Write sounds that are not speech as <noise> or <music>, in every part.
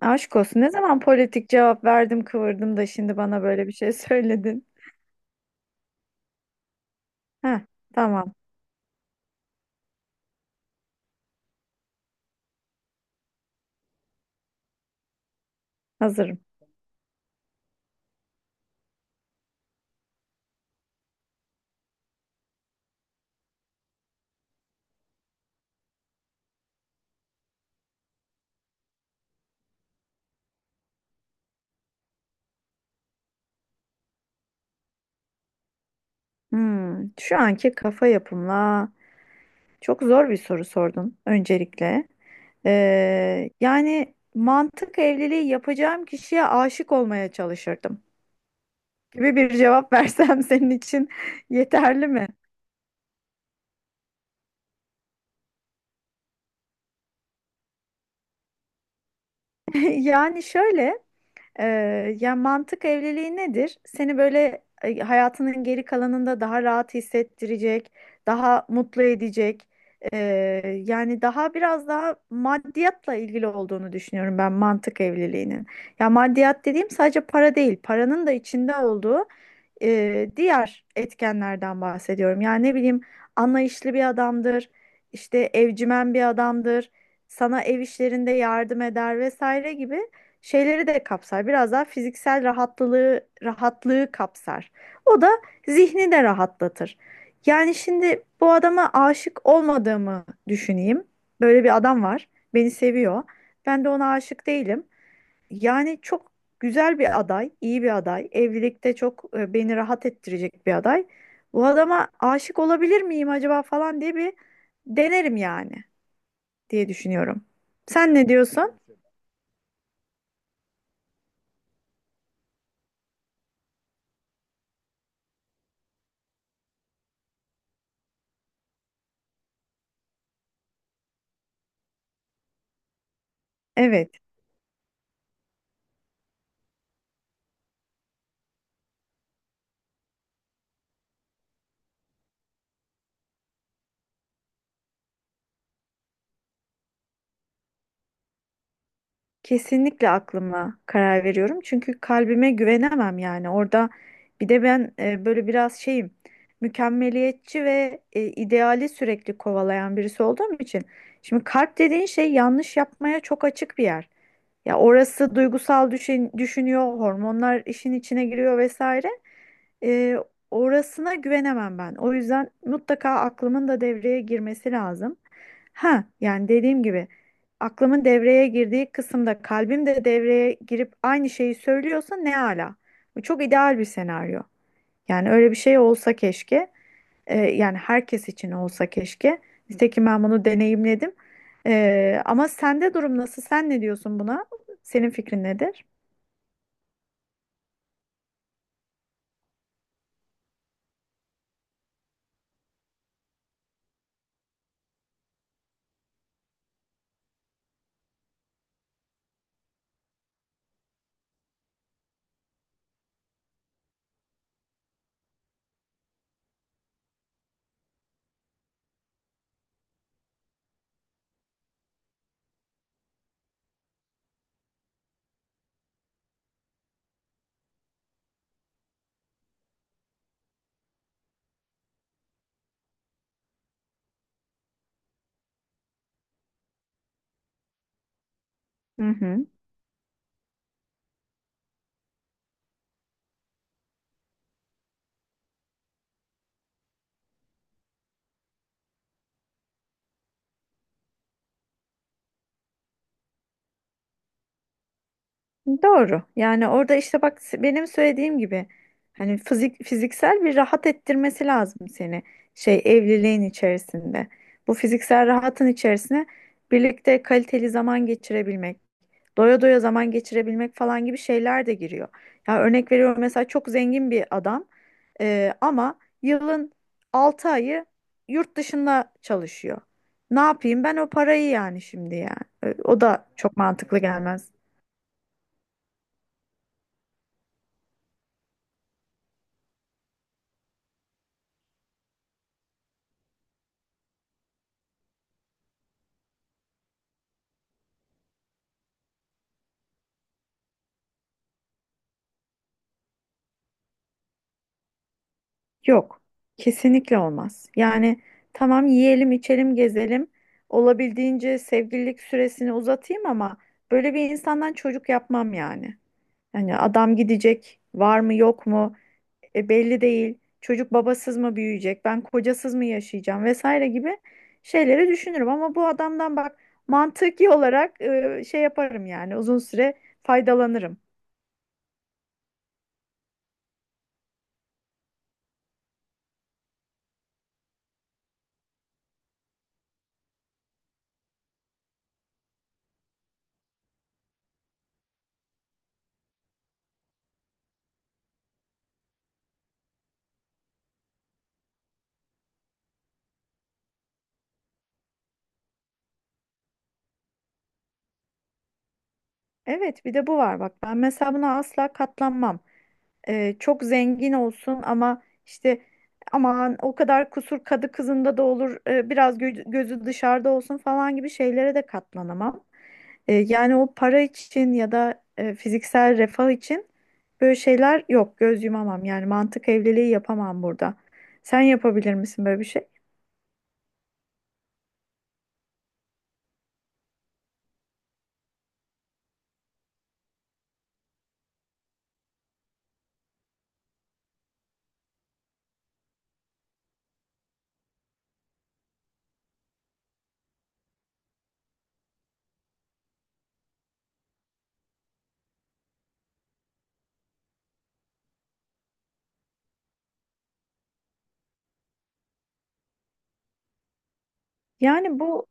Aşk olsun. Ne zaman politik cevap verdim kıvırdım da şimdi bana böyle bir şey <laughs> söyledin. Heh, tamam. Hazırım. Şu anki kafa yapımla çok zor bir soru sordun öncelikle. Yani mantık evliliği yapacağım kişiye aşık olmaya çalışırdım gibi bir cevap versem <laughs> senin için yeterli mi? <laughs> Yani şöyle. Ya mantık evliliği nedir? Seni böyle hayatının geri kalanında daha rahat hissettirecek, daha mutlu edecek. e, yani daha biraz daha maddiyatla ilgili olduğunu düşünüyorum ben mantık evliliğinin. Ya maddiyat dediğim sadece para değil, paranın da içinde olduğu diğer etkenlerden bahsediyorum. Yani ne bileyim anlayışlı bir adamdır, işte evcimen bir adamdır, sana ev işlerinde yardım eder vesaire gibi şeyleri de kapsar. Biraz daha fiziksel rahatlığı kapsar. O da zihni de rahatlatır. Yani şimdi bu adama aşık olmadığımı düşüneyim. Böyle bir adam var. Beni seviyor. Ben de ona aşık değilim. Yani çok güzel bir aday, iyi bir aday. Evlilikte çok beni rahat ettirecek bir aday. Bu adama aşık olabilir miyim acaba falan diye bir denerim yani diye düşünüyorum. Sen ne diyorsun? Evet. Kesinlikle aklıma karar veriyorum. Çünkü kalbime güvenemem yani. Orada bir de ben böyle biraz şeyim, mükemmeliyetçi ve ideali sürekli kovalayan birisi olduğum için. Şimdi kalp dediğin şey yanlış yapmaya çok açık bir yer. Ya orası duygusal düşünüyor, hormonlar işin içine giriyor vesaire. Ee, orasına güvenemem ben. O yüzden mutlaka aklımın da devreye girmesi lazım. Ha, yani dediğim gibi aklımın devreye girdiği kısımda kalbim de devreye girip aynı şeyi söylüyorsa ne ala. Bu çok ideal bir senaryo. Yani öyle bir şey olsa keşke. Yani herkes için olsa keşke. Nitekim ben bunu deneyimledim. Ama sende durum nasıl? Sen ne diyorsun buna? Senin fikrin nedir? Hı hı. Doğru. Yani orada işte bak benim söylediğim gibi hani fiziksel bir rahat ettirmesi lazım seni şey evliliğin içerisinde. Bu fiziksel rahatın içerisine birlikte kaliteli zaman geçirebilmek, doya doya zaman geçirebilmek falan gibi şeyler de giriyor. Ya örnek veriyorum mesela çok zengin bir adam ama yılın 6 ayı yurt dışında çalışıyor. Ne yapayım ben o parayı yani şimdi yani. O da çok mantıklı gelmez. Yok, kesinlikle olmaz. Yani tamam yiyelim, içelim, gezelim. Olabildiğince sevgililik süresini uzatayım ama böyle bir insandan çocuk yapmam yani. Yani adam gidecek, var mı yok mu belli değil. Çocuk babasız mı büyüyecek, ben kocasız mı yaşayacağım vesaire gibi şeyleri düşünürüm. Ama bu adamdan bak mantıki olarak şey yaparım yani uzun süre faydalanırım. Evet, bir de bu var bak ben mesela buna asla katlanmam. Çok zengin olsun ama işte aman o kadar kusur kadı kızında da olur biraz gözü dışarıda olsun falan gibi şeylere de katlanamam. Yani o para için ya da fiziksel refah için böyle şeyler yok göz yumamam yani mantık evliliği yapamam burada. Sen yapabilir misin böyle bir şey? Yani bu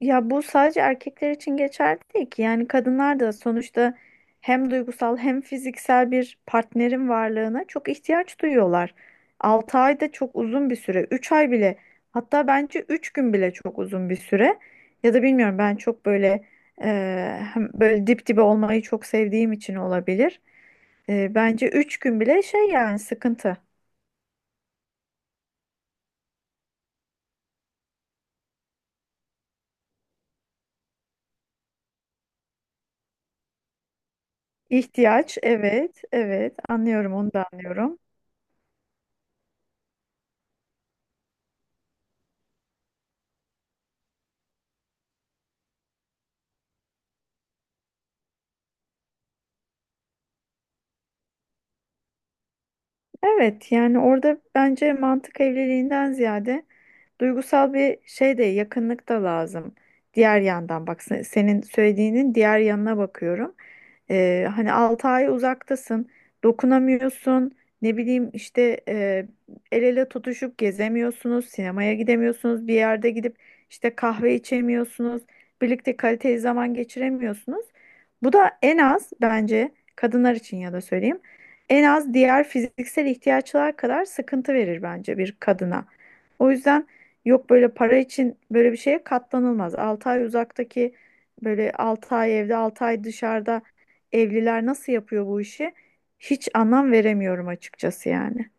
Ya bu sadece erkekler için geçerli değil ki. Yani kadınlar da sonuçta hem duygusal hem fiziksel bir partnerin varlığına çok ihtiyaç duyuyorlar. 6 ay da çok uzun bir süre. 3 ay bile hatta bence 3 gün bile çok uzun bir süre. Ya da bilmiyorum ben çok böyle hem böyle dip dibe olmayı çok sevdiğim için olabilir. Bence 3 gün bile şey yani sıkıntı. İhtiyaç evet evet anlıyorum onu da anlıyorum. Evet yani orada bence mantık evliliğinden ziyade duygusal bir şey de yakınlık da lazım. Diğer yandan bak senin söylediğinin diğer yanına bakıyorum. Hani 6 ay uzaktasın, dokunamıyorsun, ne bileyim işte el ele tutuşup gezemiyorsunuz, sinemaya gidemiyorsunuz, bir yerde gidip işte kahve içemiyorsunuz, birlikte kaliteli zaman geçiremiyorsunuz. Bu da en az bence kadınlar için ya da söyleyeyim en az diğer fiziksel ihtiyaçlar kadar sıkıntı verir bence bir kadına. O yüzden yok böyle para için böyle bir şeye katlanılmaz. 6 ay uzaktaki böyle 6 ay evde 6 ay dışarıda evliler nasıl yapıyor bu işi? Hiç anlam veremiyorum açıkçası yani.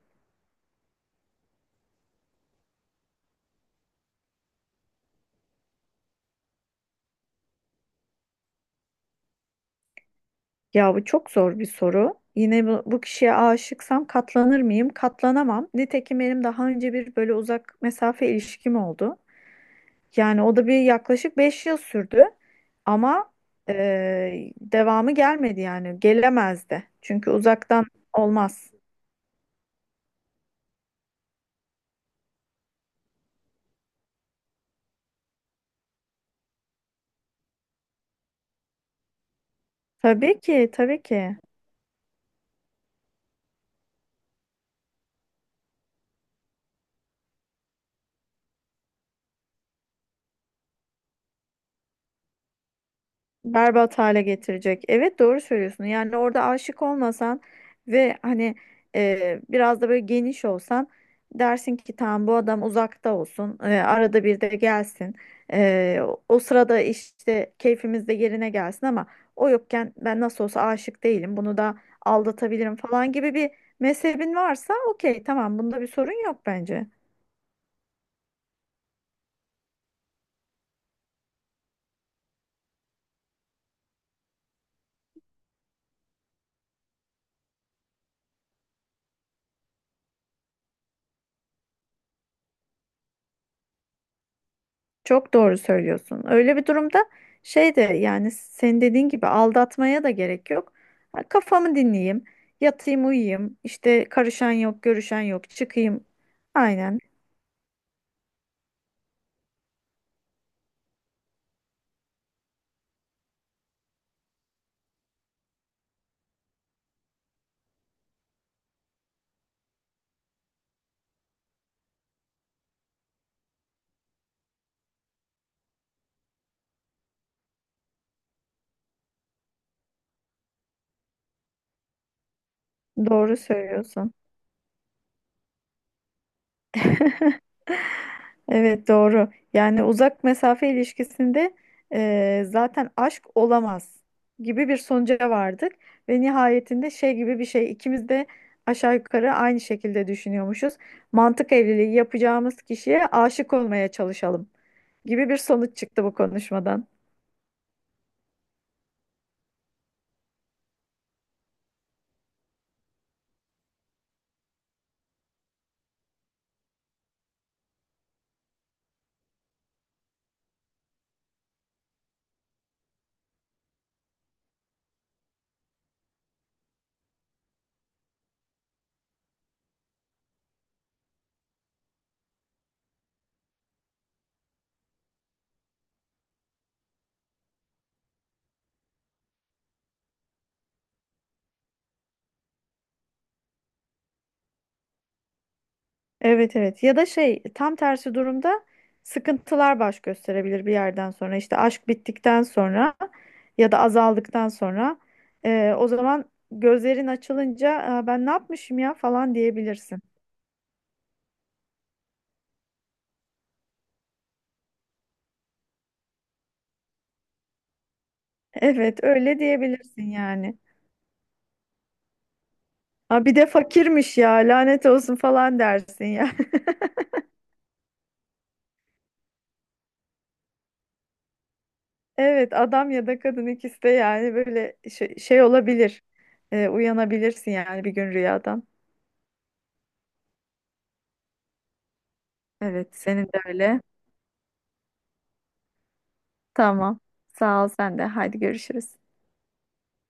Ya bu çok zor bir soru. Yine bu kişiye aşıksam katlanır mıyım? Katlanamam. Nitekim benim daha önce bir böyle uzak mesafe ilişkim oldu. Yani o da bir yaklaşık 5 yıl sürdü ama devamı gelmedi yani gelemezdi. Çünkü uzaktan olmaz. Tabii ki, tabii ki. Berbat hale getirecek. Evet doğru söylüyorsun. Yani orada aşık olmasan ve hani biraz da böyle geniş olsan dersin ki tamam bu adam uzakta olsun. Arada bir de gelsin. E, o sırada işte keyfimiz de yerine gelsin ama o yokken ben nasıl olsa aşık değilim. Bunu da aldatabilirim falan gibi bir mezhebin varsa okey tamam bunda bir sorun yok bence. Çok doğru söylüyorsun. Öyle bir durumda şey de yani senin dediğin gibi aldatmaya da gerek yok. Ha, kafamı dinleyeyim, yatayım uyuyayım, işte karışan yok, görüşen yok, çıkayım. Aynen doğru söylüyorsun. Evet doğru. Yani uzak mesafe ilişkisinde zaten aşk olamaz gibi bir sonuca vardık ve nihayetinde şey gibi bir şey ikimiz de aşağı yukarı aynı şekilde düşünüyormuşuz. Mantık evliliği yapacağımız kişiye aşık olmaya çalışalım gibi bir sonuç çıktı bu konuşmadan. Evet evet ya da şey tam tersi durumda sıkıntılar baş gösterebilir bir yerden sonra işte aşk bittikten sonra ya da azaldıktan sonra o zaman gözlerin açılınca "Aa, ben ne yapmışım ya falan diyebilirsin. <laughs> Evet öyle diyebilirsin yani. Ha, bir de fakirmiş ya lanet olsun falan dersin ya. <laughs> Evet adam ya da kadın ikisi de yani böyle şey, şey olabilir. Uyanabilirsin yani bir gün rüyadan. Evet senin de öyle. Tamam. Sağ ol sen de. Haydi görüşürüz.